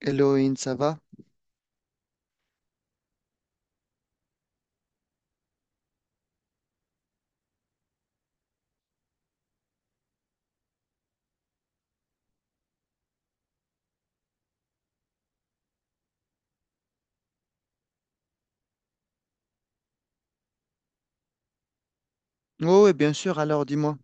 Elohim, ça va? Oh oui, bien sûr. Alors, dis-moi.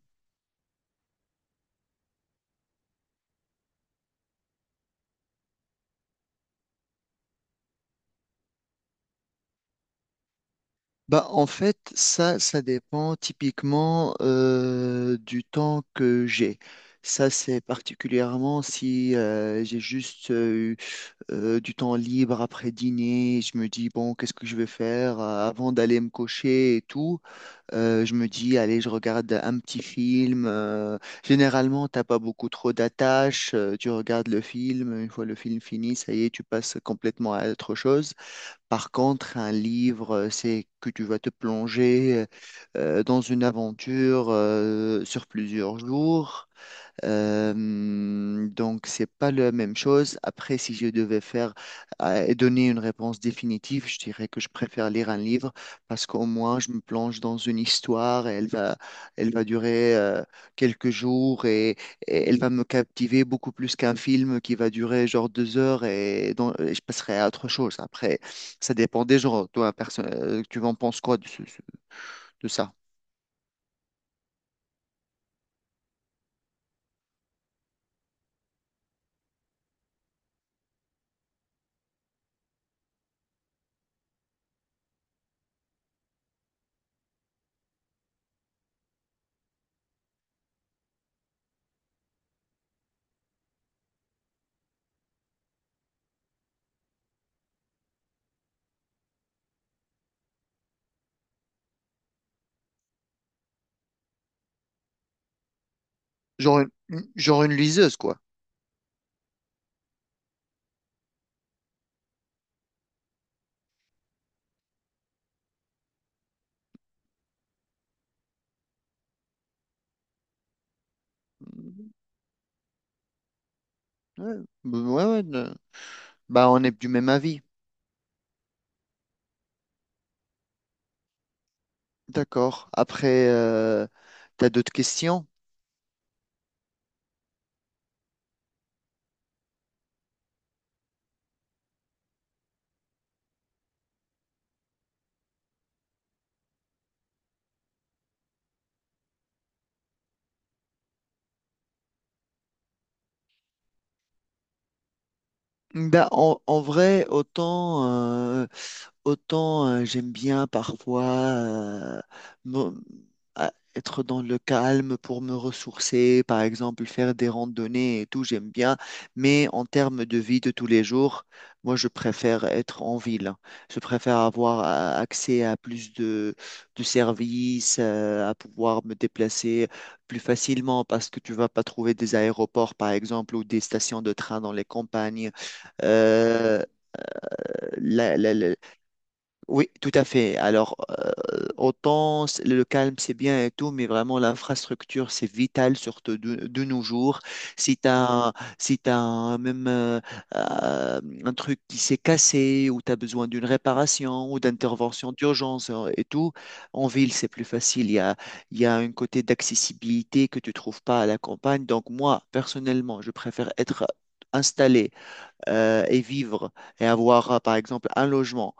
Bah, en fait, ça dépend typiquement du temps que j'ai. Ça, c'est particulièrement si j'ai juste eu, du temps libre après dîner. Je me dis, bon, qu'est-ce que je vais faire avant d'aller me coucher et tout. Je me dis, allez, je regarde un petit film. Généralement, t'as pas beaucoup trop d'attaches. Tu regardes le film. Une fois le film fini, ça y est, tu passes complètement à autre chose. Par contre, un livre, c'est que tu vas te plonger dans une aventure sur plusieurs jours. Euh, donc, c'est pas la même chose. Après, si je devais faire et donner une réponse définitive, je dirais que je préfère lire un livre parce qu'au moins, je me plonge dans une histoire et elle va durer quelques jours et elle va me captiver beaucoup plus qu'un film qui va durer genre 2 heures et, dont- et je passerai à autre chose. Après, ça dépend des gens. Toi, tu en penses quoi de, de ça? Genre genre une liseuse, quoi. Ouais, ouais, ouais. Bah, on est du même avis. D'accord. Après, t'as d'autres questions? Bah, en vrai, autant euh, Autant j'aime bien parfois me- être dans le calme pour me ressourcer, par exemple faire des randonnées et tout, j'aime bien. Mais en termes de vie de tous les jours, moi je préfère être en ville. Je préfère avoir accès à plus de services, à pouvoir me déplacer plus facilement parce que tu vas pas trouver des aéroports, par exemple, ou des stations de train dans les campagnes. Euh, la- la- la- oui, tout à fait. Alors, autant le calme, c'est bien et tout, mais vraiment l'infrastructure, c'est vital, surtout de nos jours. Si tu as, si t'as même euh, un truc qui s'est cassé ou tu as besoin d'une réparation ou d'intervention d'urgence et tout, en ville, c'est plus facile. Il y a un côté d'accessibilité que tu trouves pas à la campagne. Donc, moi, personnellement, je préfère être installé et vivre et avoir, par exemple, un logement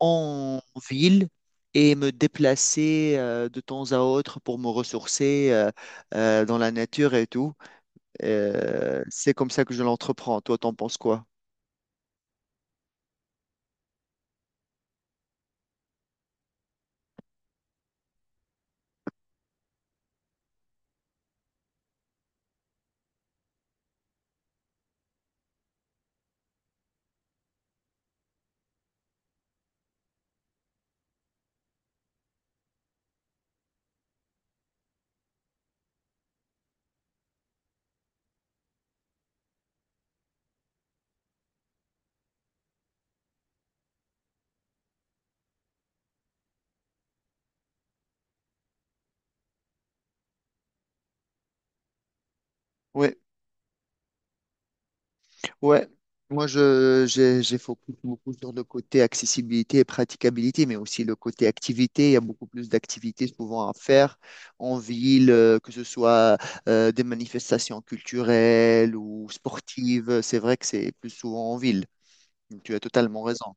en ville et me déplacer de temps à autre pour me ressourcer dans la nature et tout. C'est comme ça que je l'entreprends. Toi, t'en penses quoi? Ouais, ouais. Moi, j'ai focus beaucoup sur le côté accessibilité et praticabilité, mais aussi le côté activité. Il y a beaucoup plus d'activités souvent à faire en ville, que ce soit des manifestations culturelles ou sportives. C'est vrai que c'est plus souvent en ville. Tu as totalement raison.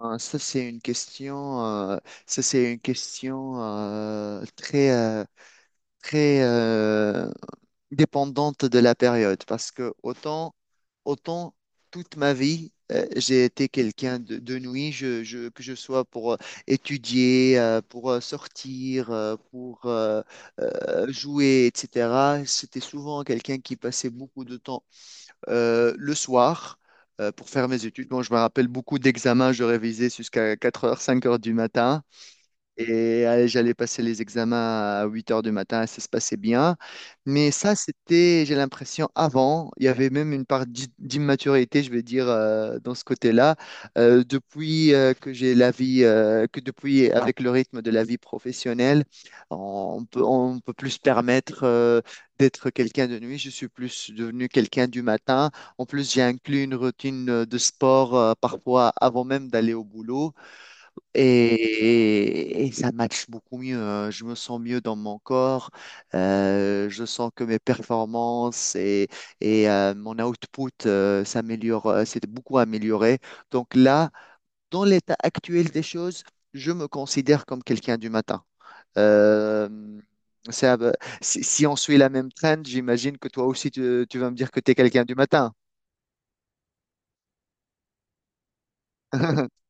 Ah, ça, c'est une question, très, très dépendante de la période parce que autant toute ma vie, j'ai été quelqu'un de nuit, que je sois pour étudier, pour sortir, pour jouer, etc. C'était souvent quelqu'un qui passait beaucoup de temps le soir pour faire mes études. Bon, je me rappelle beaucoup d'examens, je révisais jusqu'à 4 heures, 5 heures du matin. Et j'allais passer les examens à 8 heures du matin, ça se passait bien. Mais ça, c'était, j'ai l'impression, avant, il y avait même une part d'immaturité, je vais dire, dans ce côté-là. Depuis que j'ai la vie, que depuis, avec le rythme de la vie professionnelle, on peut plus se permettre d'être quelqu'un de nuit. Je suis plus devenu quelqu'un du matin. En plus, j'ai inclus une routine de sport parfois avant même d'aller au boulot. Et ça matche beaucoup mieux. Hein. Je me sens mieux dans mon corps. Je sens que mes performances mon output s'améliore, s'est beaucoup amélioré. Donc là, dans l'état actuel des choses, je me considère comme quelqu'un du matin. Euh, ça va- si on suit la même trend, j'imagine que toi aussi, tu vas me dire que tu es quelqu'un du matin.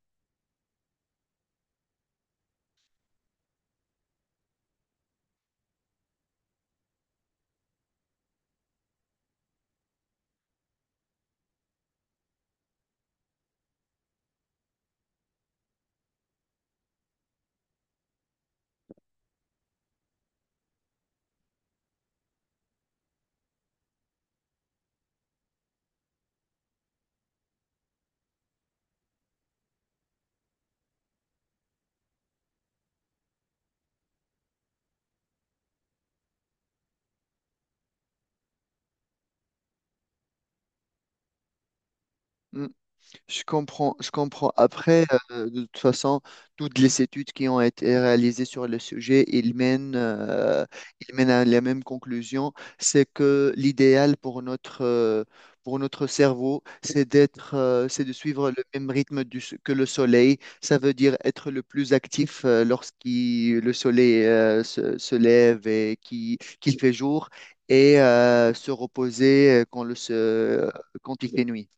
Je comprends, je comprends. Après, de toute façon, toutes les études qui ont été réalisées sur le sujet, ils mènent à la même conclusion, c'est que l'idéal pour notre cerveau, c'est de suivre le même rythme que le soleil. Ça veut dire être le plus actif lorsqu'il le soleil se lève et qu'il fait jour, et se reposer quand il fait nuit.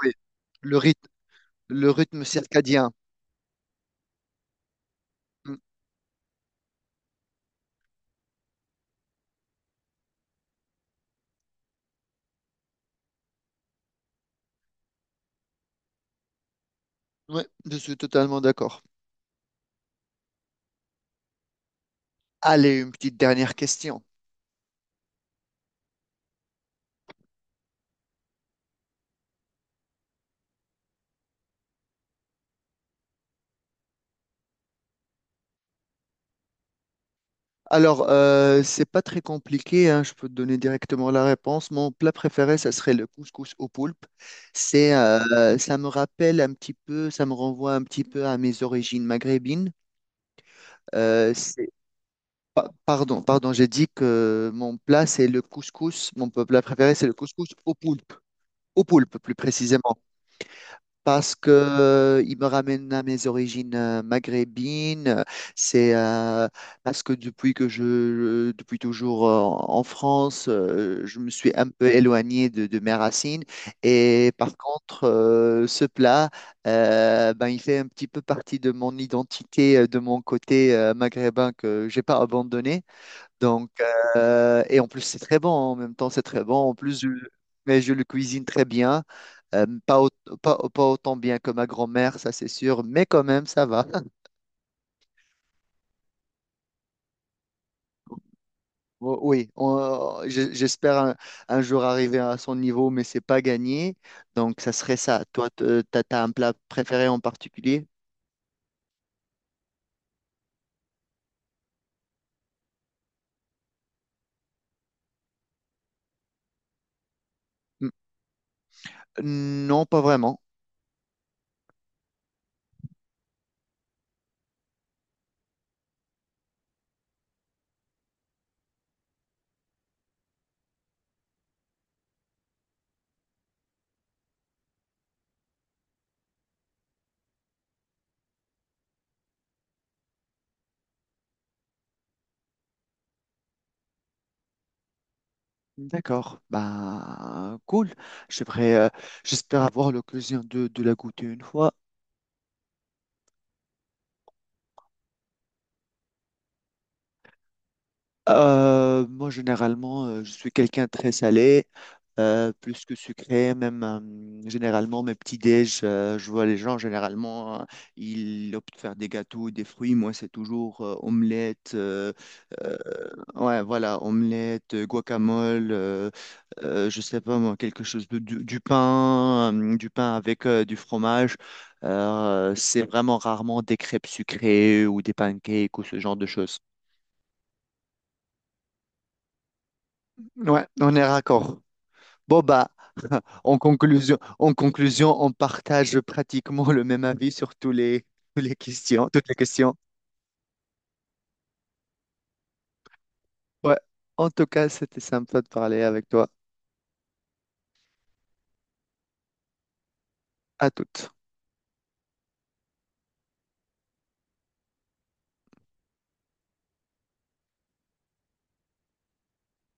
Oui, le rythme Le rythme circadien. Mm. Ouais, je suis totalement d'accord. Allez, une petite dernière question. Alors, c'est pas très compliqué, hein, je peux te donner directement la réponse. Mon plat préféré, ça serait le couscous au poulpe. C'est, ça me rappelle un petit peu, ça me renvoie un petit peu à mes origines maghrébines. Euh, c'est- Pardon, pardon, j'ai dit que mon plat, c'est le couscous. Mon plat préféré, c'est le couscous au poulpe. Au poulpe, plus précisément. Parce que il me ramène à mes origines maghrébines. C'est Parce que depuis toujours en France, je me suis un peu éloigné de mes racines. Et par contre, ce plat, ben, il fait un petit peu partie de mon identité, de mon côté maghrébin que j'ai pas abandonné. Donc, et en plus, c'est très bon. En même temps, c'est très bon. En plus, mais je le cuisine très bien. Pas, au- pas, pas autant bien que ma grand-mère, ça c'est sûr, mais quand même, ça va. Oui, j'espère un jour arriver à son niveau, mais c'est pas gagné. Donc, ça serait ça. Toi, t'as un plat préféré en particulier? N- Non, pas vraiment. D'accord. Bah, cool. J'aimerais, euh, j'espère avoir l'occasion de la goûter une fois. Moi, généralement, je suis quelqu'un de très salé, plus que sucré. Même généralement, mes petits déj, je vois les gens généralement, ils optent pour faire des gâteaux, des fruits. Moi, c'est toujours omelette, euh, ouais, voilà, omelette, guacamole, je sais pas moi, quelque chose du pain, du pain avec du fromage. C'est vraiment rarement des crêpes sucrées ou des pancakes ou ce genre de choses. Ouais, on est raccord. Bon, bah, en conclusion, on partage pratiquement le même avis sur tous les, toutes les questions. Ouais, en tout cas, c'était sympa de parler avec toi. À toutes.